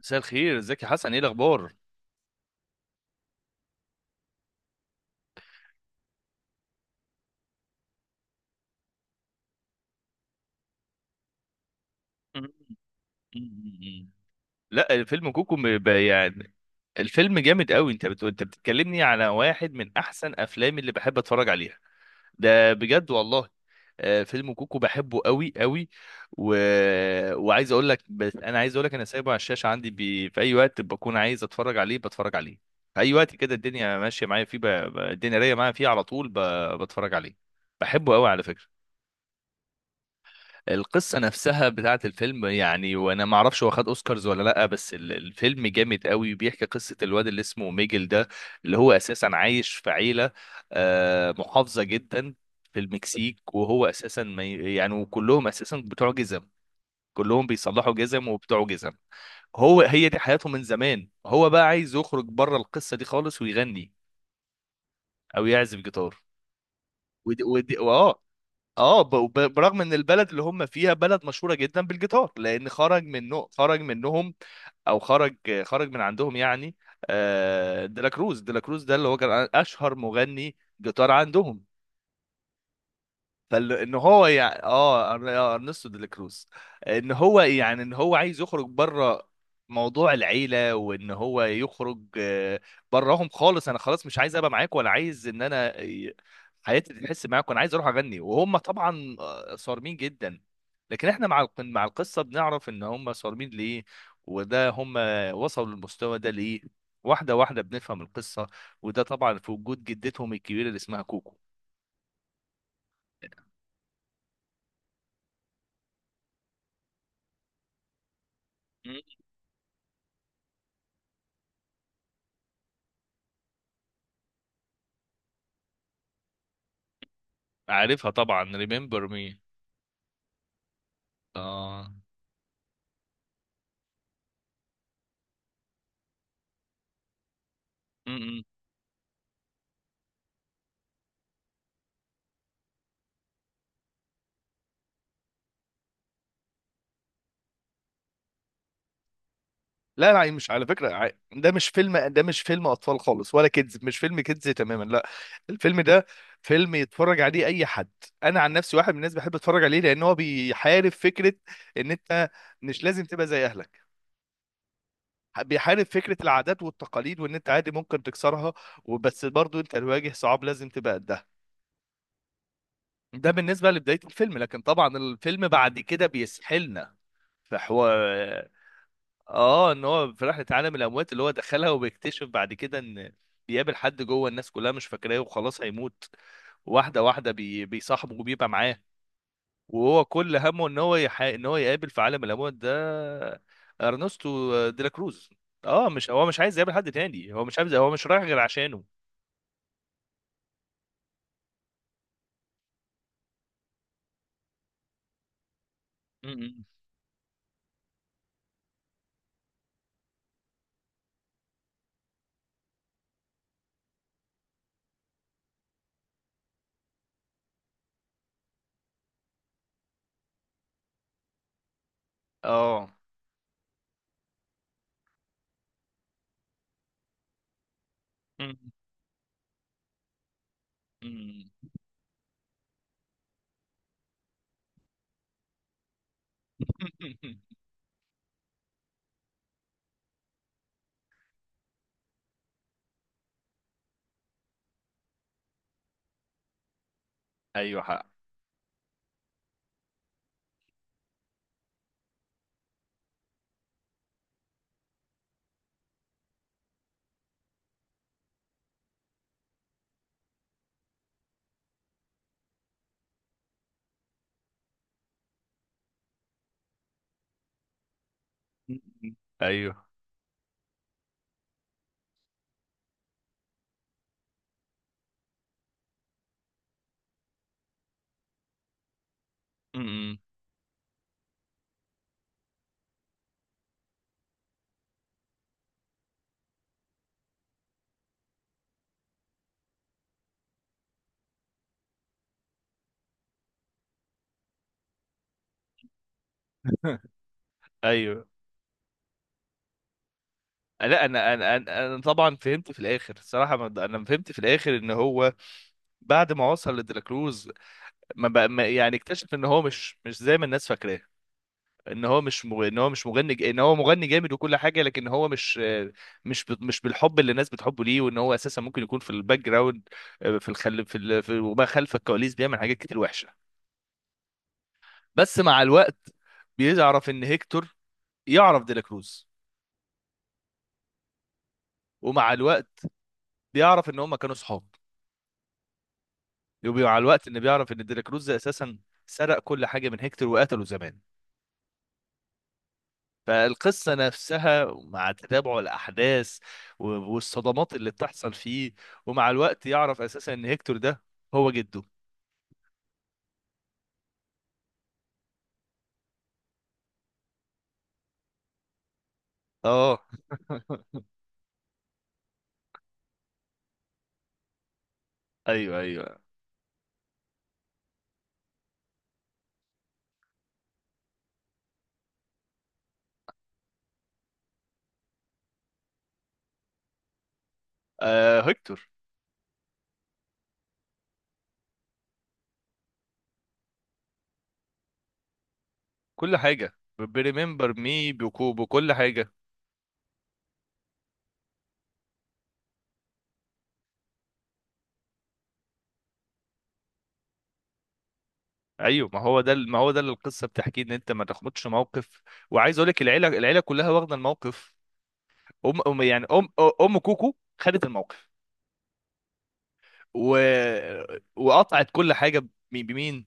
مساء الخير، ازيك يا حسن؟ ايه الاخبار؟ لا، الفيلم كوكو يعني الفيلم جامد قوي. انت بتتكلمني على واحد من احسن افلام اللي بحب اتفرج عليها. ده بجد والله. فيلم كوكو بحبه قوي قوي. و... وعايز اقول لك بس انا عايز اقول لك انا سايبه على الشاشه عندي. في اي وقت بكون عايز اتفرج عليه بتفرج عليه. في اي وقت كده الدنيا ماشيه معايا فيه، الدنيا رايقه معايا فيه على طول بتفرج عليه. بحبه قوي على فكره. القصة نفسها بتاعة الفيلم، يعني وانا ما اعرفش هو خد اوسكارز ولا لا، بس الفيلم جامد قوي. بيحكي قصة الواد اللي اسمه ميجل ده، اللي هو اساسا عايش في عيلة محافظة جدا في المكسيك. وهو اساسا ما ي- يعني وكلهم اساسا بتوع جزم. كلهم بيصلحوا جزم وبتوع جزم. هو هي دي حياته من زمان. هو بقى عايز يخرج بره القصة دي خالص ويغني او يعزف جيتار. ودي اه. برغم ان البلد اللي هم فيها بلد مشهوره جدا بالجيتار، لان خرج منهم، او خرج خرج من عندهم يعني. ديلاكروز ده اللي هو كان اشهر مغني جيتار عندهم. فان هو يعني ارنستو دي لا كروز. ان هو عايز يخرج بره موضوع العيله، وان هو يخرج براهم خالص. انا خلاص مش عايز ابقى معاك، ولا عايز ان انا حياتي تحس معاك، وانا عايز اروح اغني. وهم طبعا صارمين جدا. لكن احنا مع القصه بنعرف ان هم صارمين ليه، وده هم وصلوا للمستوى ده ليه. واحده واحده بنفهم القصه. وده طبعا في وجود جدتهم الكبيره اللي اسمها كوكو. عارفها طبعا، ريمبر مي. اه. م-م. لا لا، مش على فكرة، ده مش فيلم، ده مش فيلم أطفال خالص ولا كيدز. مش فيلم كيدز تماما، لا. الفيلم ده فيلم يتفرج عليه أي حد. أنا عن نفسي واحد من الناس بحب أتفرج عليه، لأن هو بيحارب فكرة إن أنت مش لازم تبقى زي أهلك. بيحارب فكرة العادات والتقاليد، وإن أنت عادي ممكن تكسرها. وبس برضو أنت الواجه صعاب لازم تبقى قدها. ده بالنسبة لبداية الفيلم، لكن طبعا الفيلم بعد كده بيسحلنا في حوار. اه، ان هو في رحله عالم الاموات اللي هو دخلها، وبيكتشف بعد كده ان بيقابل حد جوه، الناس كلها مش فاكراه وخلاص هيموت. واحده واحده بيصاحبه وبيبقى معاه. وهو كل همه ان هو يقابل في عالم الاموات ده ارنستو ديلا كروز. اه، مش عايز يقابل حد تاني، هو مش عايز، هو مش رايح غير عشانه. م-. اه. م-. اه. م-. م-. ايوه حق. م-. م-. ايوه. م-. م-. ايوه. لا انا انا انا أنا طبعا فهمت في الاخر الصراحه، انا فهمت في الاخر ان هو بعد ما وصل لدراكروز، ما بقى ما يعني اكتشف ان هو مش زي ما الناس فاكراه، ان هو مش مغ... ان هو مش مغني ج- ان هو مغني جامد وكل حاجه، لكن هو مش بالحب اللي الناس بتحبه ليه. وان هو اساسا ممكن يكون في الباك جراوند، آه، في الخل في, ال... في وما خلف الكواليس بيعمل حاجات كتير وحشه. بس مع الوقت بيعرف ان هيكتور يعرف ديلاكروز، ومع الوقت بيعرف ان هم كانوا صحاب. ومع الوقت بيعرف ان ديلا كروز اساسا سرق كل حاجه من هيكتور وقتله زمان. فالقصه نفسها مع تتابع الاحداث و- والصدمات اللي بتحصل فيه، ومع الوقت يعرف اساسا ان هيكتور ده هو جده. اه، ايوه ايوه. آه، هيكتور كل حاجه، بريمبر مي، بكل حاجه. ايوه، ما هو ده اللي القصه بتحكيه، ان انت ما تاخدش موقف. وعايز اقول لك، العيله كلها واخده الموقف. ام أم- يعني ام ام كوكو خدت الموقف. و... وقطعت كل حاجه بمين؟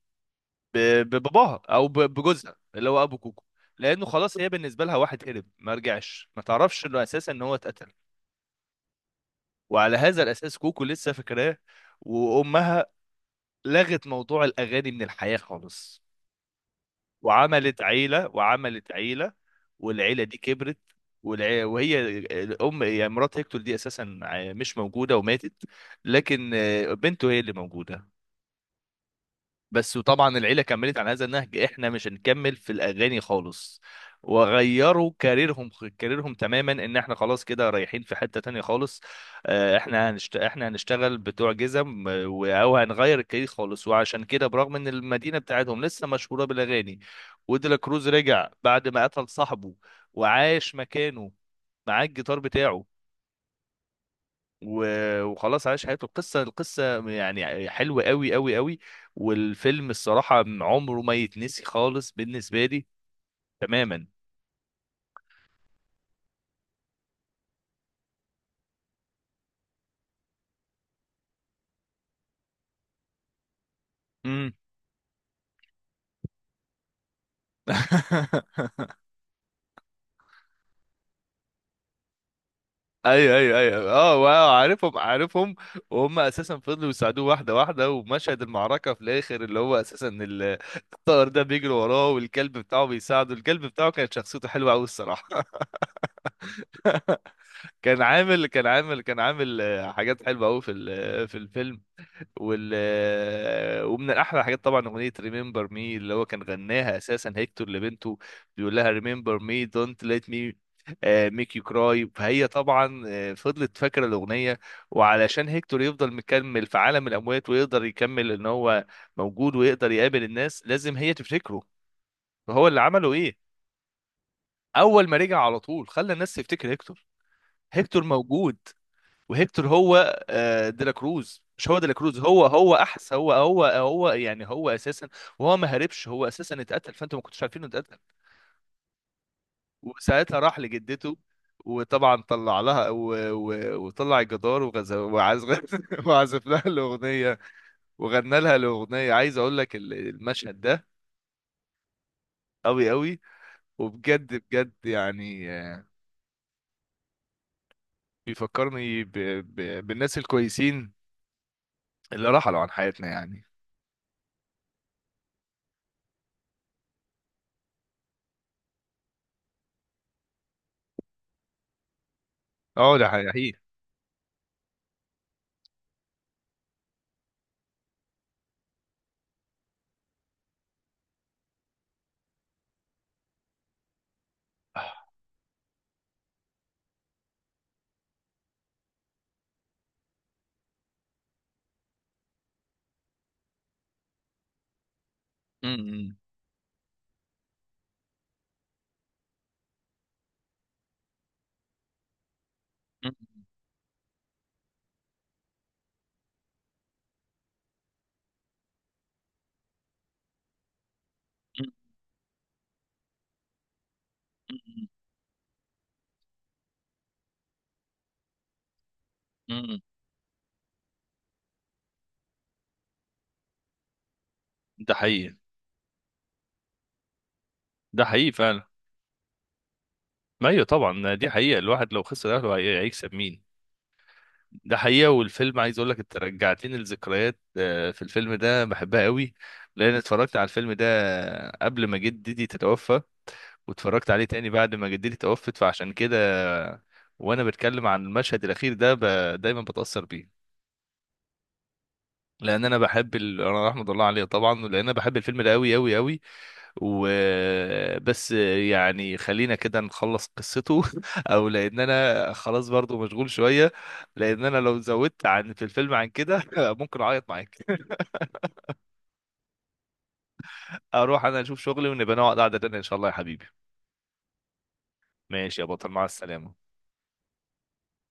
ب- بباباها، بجوزها اللي هو ابو كوكو. لانه خلاص هي بالنسبه لها واحد هرب ما رجعش، ما تعرفش انه اساسا ان هو اتقتل. وعلى هذا الاساس كوكو لسه فاكراه. وامها لغت موضوع الاغاني من الحياه خالص، وعملت عيله، والعيله دي كبرت. والع... وهي الام، يعني مرات هيكتور دي، اساسا مش موجوده، وماتت. لكن بنته هي اللي موجوده بس. وطبعا العيله كملت على هذا النهج، احنا مش هنكمل في الاغاني خالص، وغيروا كاريرهم. كاريرهم تماما، ان احنا خلاص كده رايحين في حته تانية خالص. احنا هنشتغل بتوع جزم، او هنغير الكارير خالص. وعشان كده برغم ان المدينه بتاعتهم لسه مشهوره بالاغاني. وديلا كروز رجع بعد ما قتل صاحبه، وعاش مكانه معاه الجيتار بتاعه. وخلاص عاش حياته. القصة يعني حلوة قوي قوي قوي، والفيلم الصراحة عمره ما يتنسي خالص بالنسبة لي، تماما. امم. ايوه اه، واو، عارفهم. وهم اساسا فضلوا يساعدوه واحده واحده. ومشهد المعركه في الاخر، اللي هو اساسا الطائر ده بيجري وراه، والكلب بتاعه بيساعده. الكلب بتاعه كانت شخصيته حلوه قوي الصراحه. كان عامل حاجات حلوه قوي في في الفيلم. وال ومن الاحلى الحاجات طبعا اغنيه ريمبر مي، اللي هو كان غناها اساسا هيكتور لبنته، بيقول لها: ريمبر مي دونت ليت مي ميك يو كراي. فهي طبعا فضلت فاكره الاغنيه. وعلشان هيكتور يفضل مكمل في عالم الاموات، ويقدر يكمل ان هو موجود، ويقدر يقابل الناس، لازم هي تفتكره. فهو اللي عمله ايه؟ اول ما رجع على طول، خلى الناس تفتكر هيكتور. هيكتور موجود، وهيكتور هو ديلا كروز، مش هو ديلا كروز. هو هو احس هو هو هو يعني هو اساسا وهو ما هربش، هو اساسا اتقتل. فانتوا ما كنتوش عارفين انه اتقتل. وساعتها راح لجدته، وطبعا طلع لها وطلع الجدار وعزف وعزف لها الاغنيه، وغنى لها الاغنيه. عايز اقول لك المشهد ده قوي قوي. وبجد بجد يعني، بيفكرني ب... بالناس الكويسين اللي رحلوا عن حياتنا يعني. اه، ده حقيقي. م-. م-. م-. مم. مم. مم. ده حقيقي. ده حقيقي فعلا. ما ايوه طبعا، دي حقيقة. الواحد لو خسر اهله هيكسب مين؟ ده حقيقة. والفيلم عايز اقول لك، انت رجعتني لذكريات في الفيلم ده بحبها قوي. لان اتفرجت على الفيلم ده قبل ما جدتي تتوفى، واتفرجت عليه تاني بعد ما جدتي توفت. فعشان كده، وانا بتكلم عن المشهد الاخير ده، دايما بتأثر بيه. لان انا بحب انا رحمة الله عليه طبعا، لان انا بحب الفيلم ده قوي قوي قوي. وبس يعني خلينا كده نخلص قصته. او لان انا خلاص برضو مشغول شوية، لان انا لو زودت عن في الفيلم عن كده ممكن اعيط معاك. اروح انا اشوف شغلي، ونبقى نقعد قعدة تانية ان شاء الله يا حبيبي. ماشي يا بطل، مع السلامة.